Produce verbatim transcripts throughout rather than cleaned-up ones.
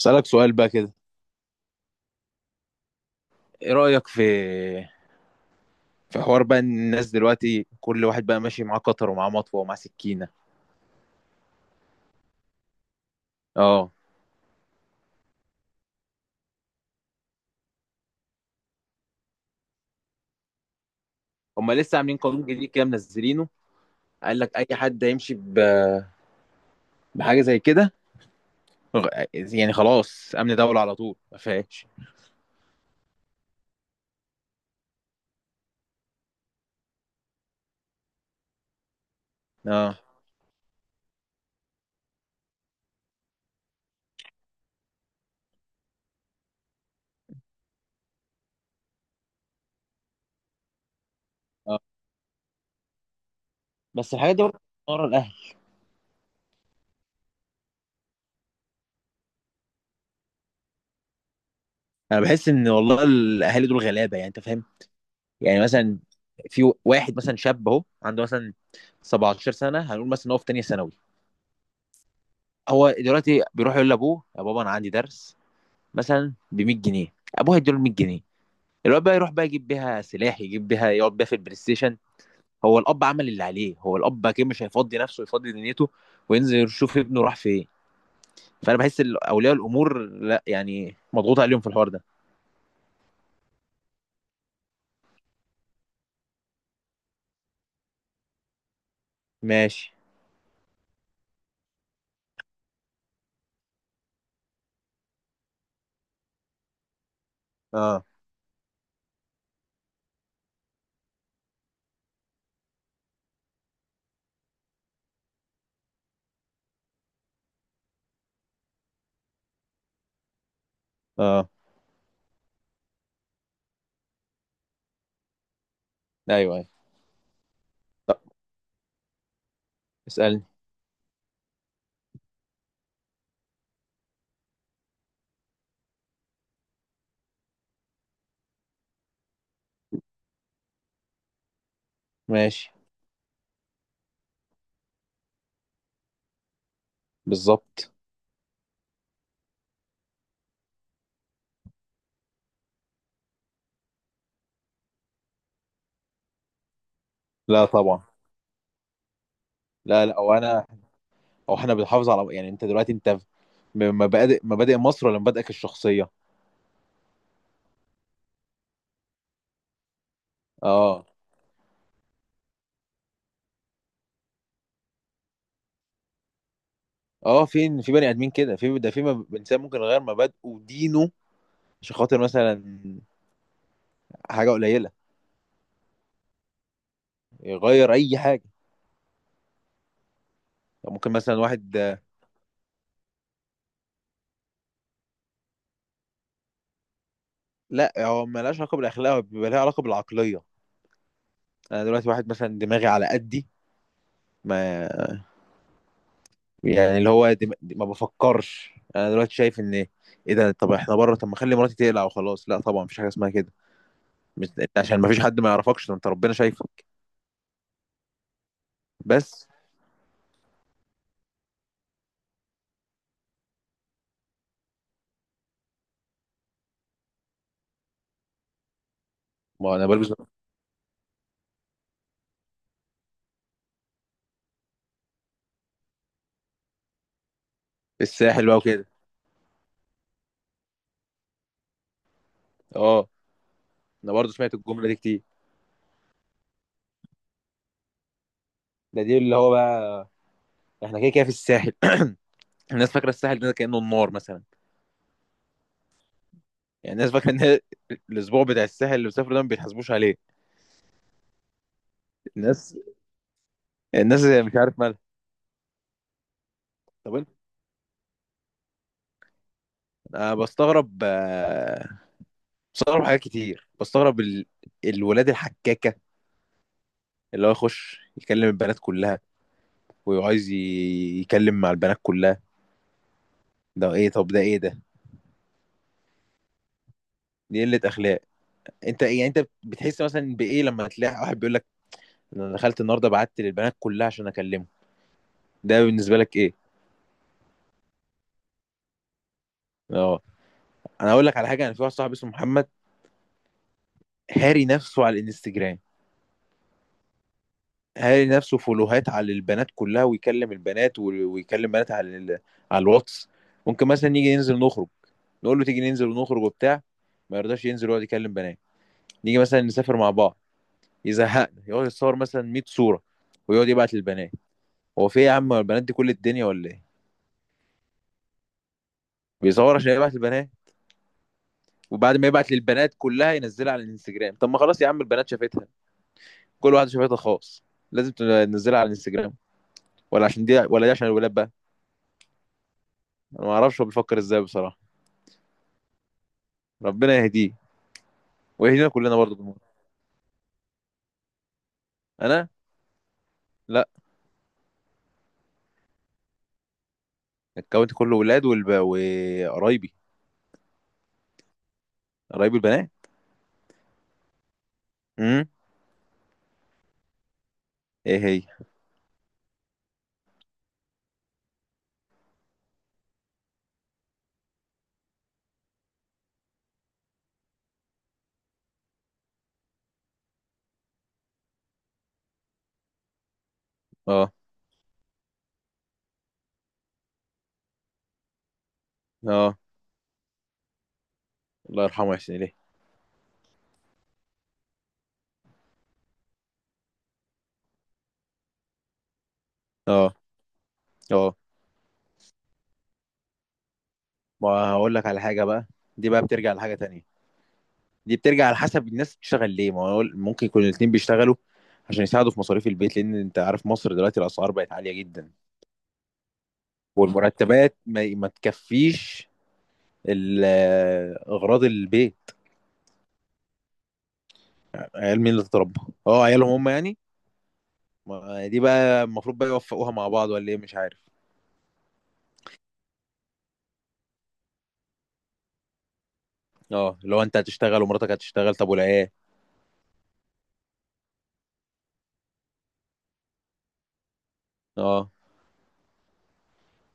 اسالك سؤال بقى كده. ايه رايك في في حوار بقى ان الناس دلوقتي كل واحد بقى ماشي معاه قطر ومعاه مطوه ومعاه سكينه. اه، هما لسه عاملين قانون جديد كده منزلينه. قال لك اي حد هيمشي ب- بحاجه زي كده. غ- يعني خلاص امن دوله على طول ما فيهاش. اه. اه، بس الحاجات دي برضه ورا الاهل. انا بحس ان والله الاهالي دول غلابه، يعني انت فاهم؟ يعني مثلا في واحد مثلا شاب اهو عنده مثلا سبعة عشر سنه، هنقول مثلا إن هو في تانيه ثانوي. هو دلوقتي بيروح يقول لابوه يا بابا انا عندي درس مثلا ب مية جنيه، ابوه هيديله مية جنيه. الواد بقى يروح بقى يجيب بيها سلاح، يجيب بيها يقعد بيها في البلاي ستيشن. هو الاب عمل اللي عليه، هو الاب اكيد مش هيفضي نفسه يفضي دنيته وينزل يشوف ابنه راح فين. فانا بحس إن اولياء الامور لا، يعني مضغوط عليهم في الحوار ده. ماشي. اه. اه. ايوه ايوه. اسالني. ماشي. بالظبط. لا طبعا. لا لا، وانا او احنا بنحافظ على، يعني انت دلوقتي انت مبادئ مبادئ مصر ولا مبادئك الشخصيه؟ اه. اه فين؟ في بني ادمين كده في ده في مب- انسان ممكن يغير مبادئه ودينه عشان خاطر مثلا حاجه قليله، يغير اي حاجه. يعني ممكن مثلا واحد، لا هو ملهاش علاقه بالاخلاق، هو بيبقى لها علاقه بالعقليه. انا دلوقتي واحد مثلا دماغي على قدي، ما يعني اللي هو دم... ما بفكرش، انا دلوقتي شايف ان ايه ده؟ طب احنا بره طب ما اخلي مراتي تقلع وخلاص؟ لا طبعا، مفيش حاجه اسمها كده. مش... عشان مفيش حد ما يعرفكش؟ ده انت ربنا شايفك. بس. ما انا بلبس الساحل بقى وكده. اه، انا برضه سمعت الجمله دي كتير. ده دي اللي هو بقى احنا كده كده في الساحل الناس فاكره الساحل ده كانه النار مثلا. يعني الناس فاكره ان الاسبوع بتاع الساحل اللي بيسافروا ده ما بيتحاسبوش عليه. الناس، الناس مش عارف مالها. طب انت. انا بستغرب، آه، بستغرب حاجات كتير، بستغرب ال... الولاد الحكاكه اللي هو يخش يكلم البنات كلها وعايز ي- يكلم مع البنات كلها. ده ايه؟ طب ده ايه ده؟ دي قله اخلاق. انت إيه؟ يعني انت بتحس مثلا بايه لما تلاقي واحد بيقول لك انا دخلت النهارده بعت للبنات كلها عشان اكلمه؟ ده بالنسبه لك ايه؟ اه، انا هقول لك على حاجه. انا في واحد صاحبي اسمه محمد هاري نفسه على الانستجرام. هاري نفسه فولوهات على البنات كلها ويكلم البنات و- ويكلم بنات على ال... على الواتس. ممكن مثلا نيجي ننزل نخرج، نقول له تيجي ننزل ونخرج وبتاع، ما يرضاش ينزل ويقعد يكلم بنات. نيجي مثلا نسافر مع بعض، يزهقنا يقعد يتصور مثلا مية صوره ويقعد يبعت للبنات. هو في ايه يا عم؟ هو البنات دي كل الدنيا ولا ايه؟ بيصور عشان يبعت للبنات، وبعد ما يبعت للبنات كلها ينزلها على الانستجرام. طب ما خلاص يا عم، البنات شافتها. كل واحد شبكتها الخاص، لازم تنزلها على الانستجرام؟ ولا عشان دي ولا دي عشان الولاد بقى. انا ما اعرفش هو بيفكر ازاي بصراحه. ربنا يهديه ويهدينا كلنا برضه بالمره. انا. لا. الكونت كله ولاد والب... وقرايبي. قرايبي البنات. امم. ايه هي؟ اه. اه. الله يرحمه ويحسن اليه. اه. اه ما هقول لك على حاجه بقى. دي بقى بترجع لحاجه تانية. دي بترجع على حسب الناس بتشتغل ليه. ما هو أقول- ممكن يكون الاتنين بيشتغلوا عشان يساعدوا في مصاريف البيت، لان انت عارف مصر دلوقتي الاسعار بقت عاليه جدا والمرتبات ما, ما تكفيش ال- اغراض البيت. عيال مين اللي تتربى؟ اه عيالهم هم يعني. ما- دي بقى المفروض بقى يوفقوها مع بعض ولا ايه، مش عارف. اه لو انت هتشتغل ومراتك هتشتغل، طب والعيال؟ اه.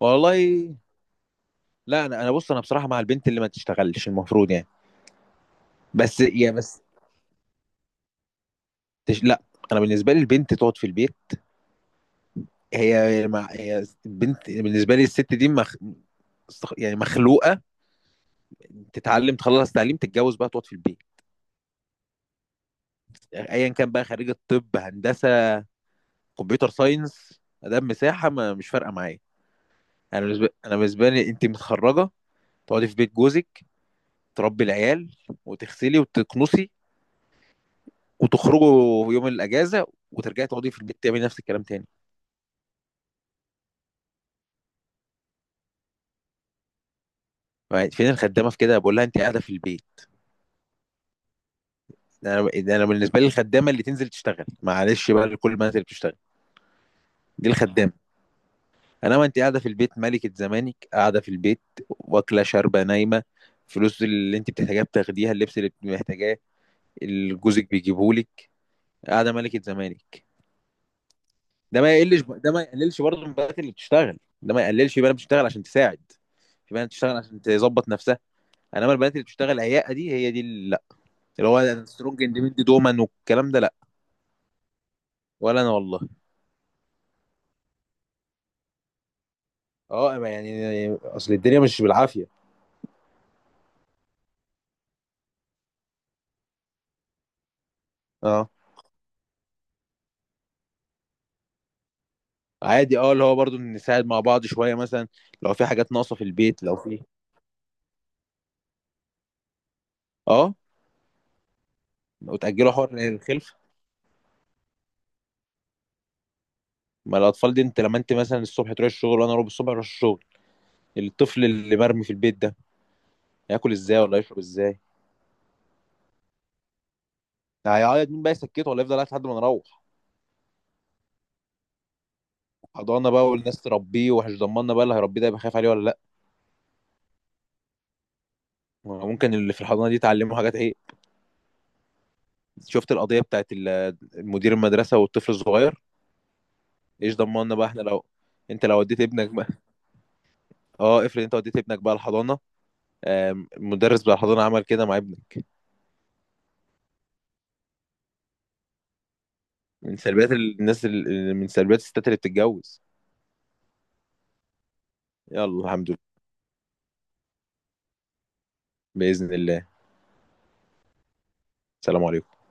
والله لا، انا انا بص، انا بصراحه مع البنت اللي ما تشتغلش المفروض يعني. بس يا بس تش... لا، انا بالنسبه لي البنت تقعد في البيت. هي مع... هي البنت بالنسبه لي الست دي مخ... يعني مخلوقه تتعلم تخلص تعليم، تتجوز بقى تقعد في البيت. ايا كان بقى خريج الطب، هندسه، كمبيوتر ساينس، ادام، مساحه، ما مش فارقه معايا. انا بالنسبه انا بالنسبه لي انت متخرجه، تقعدي في بيت جوزك، تربي العيال وتغسلي وتكنسي، وتخرجوا يوم الاجازه وترجعي تقعدي في البيت تعملي نفس الكلام تاني. يعني فين الخدامه في كده؟ بقول لها انت قاعده في البيت. ده انا، ده انا بالنسبه لي الخدامه اللي تنزل تشتغل، معلش بقى لكل البنات اللي بتشتغل، دي الخدامه. انا وانت قاعده في البيت ملكه زمانك، قاعده في البيت واكله شاربه نايمه، فلوس اللي انت بتحتاجيها بتاخديها، اللبس اللي محتاجاه اللي جوزك بيجيبهولك، قاعده ملكه زمانك. ده ما يقلش ده ما يقللش برضه من البنات اللي بتشتغل، ده ما يقللش. في بنات بتشتغل عشان تساعد، في بنات بتشتغل عشان تظبط نفسها، انما البنات اللي بتشتغل عياقه دي، هي دي اللي لا. اللي هو سترونج اندبندنت وومن والكلام ده لا. ولا انا والله. اه يعني اصل الدنيا مش بالعافيه. اه. عادي اه، اللي هو برضو نساعد مع بعض شويه مثلا، لو في حاجات ناقصه في البيت، لو في. اه. وتاجلوا حوار الخلفه. ما الاطفال دي، انت لما انت مثلا الصبح تروح الشغل وانا اروح الصبح اروح الشغل، الطفل اللي مرمي في البيت ده هياكل ازاي ولا يشرب ازاي؟ هيعيط، مين بقى يسكته ولا يفضل قاعد لحد ما نروح؟ حضانه بقى والناس تربيه، ومش ضمننا بقى اللي هيربيه ده يبقى خايف عليه ولا لا. ممكن اللي في الحضانه دي تعلمه حاجات ايه. شفت القضيه بتاعت ال- مدير المدرسه والطفل الصغير؟ ايش ضمننا بقى احنا لو انت لو وديت ابنك بقى؟ اه افرض انت وديت ابنك بقى الحضانه، آم، المدرس بتاع الحضانه عمل كده مع ابني. من سلبيات الناس ال- من سلبيات الستات اللي بتتجوز. يلا الحمد لله. باذن الله. سلام عليكم.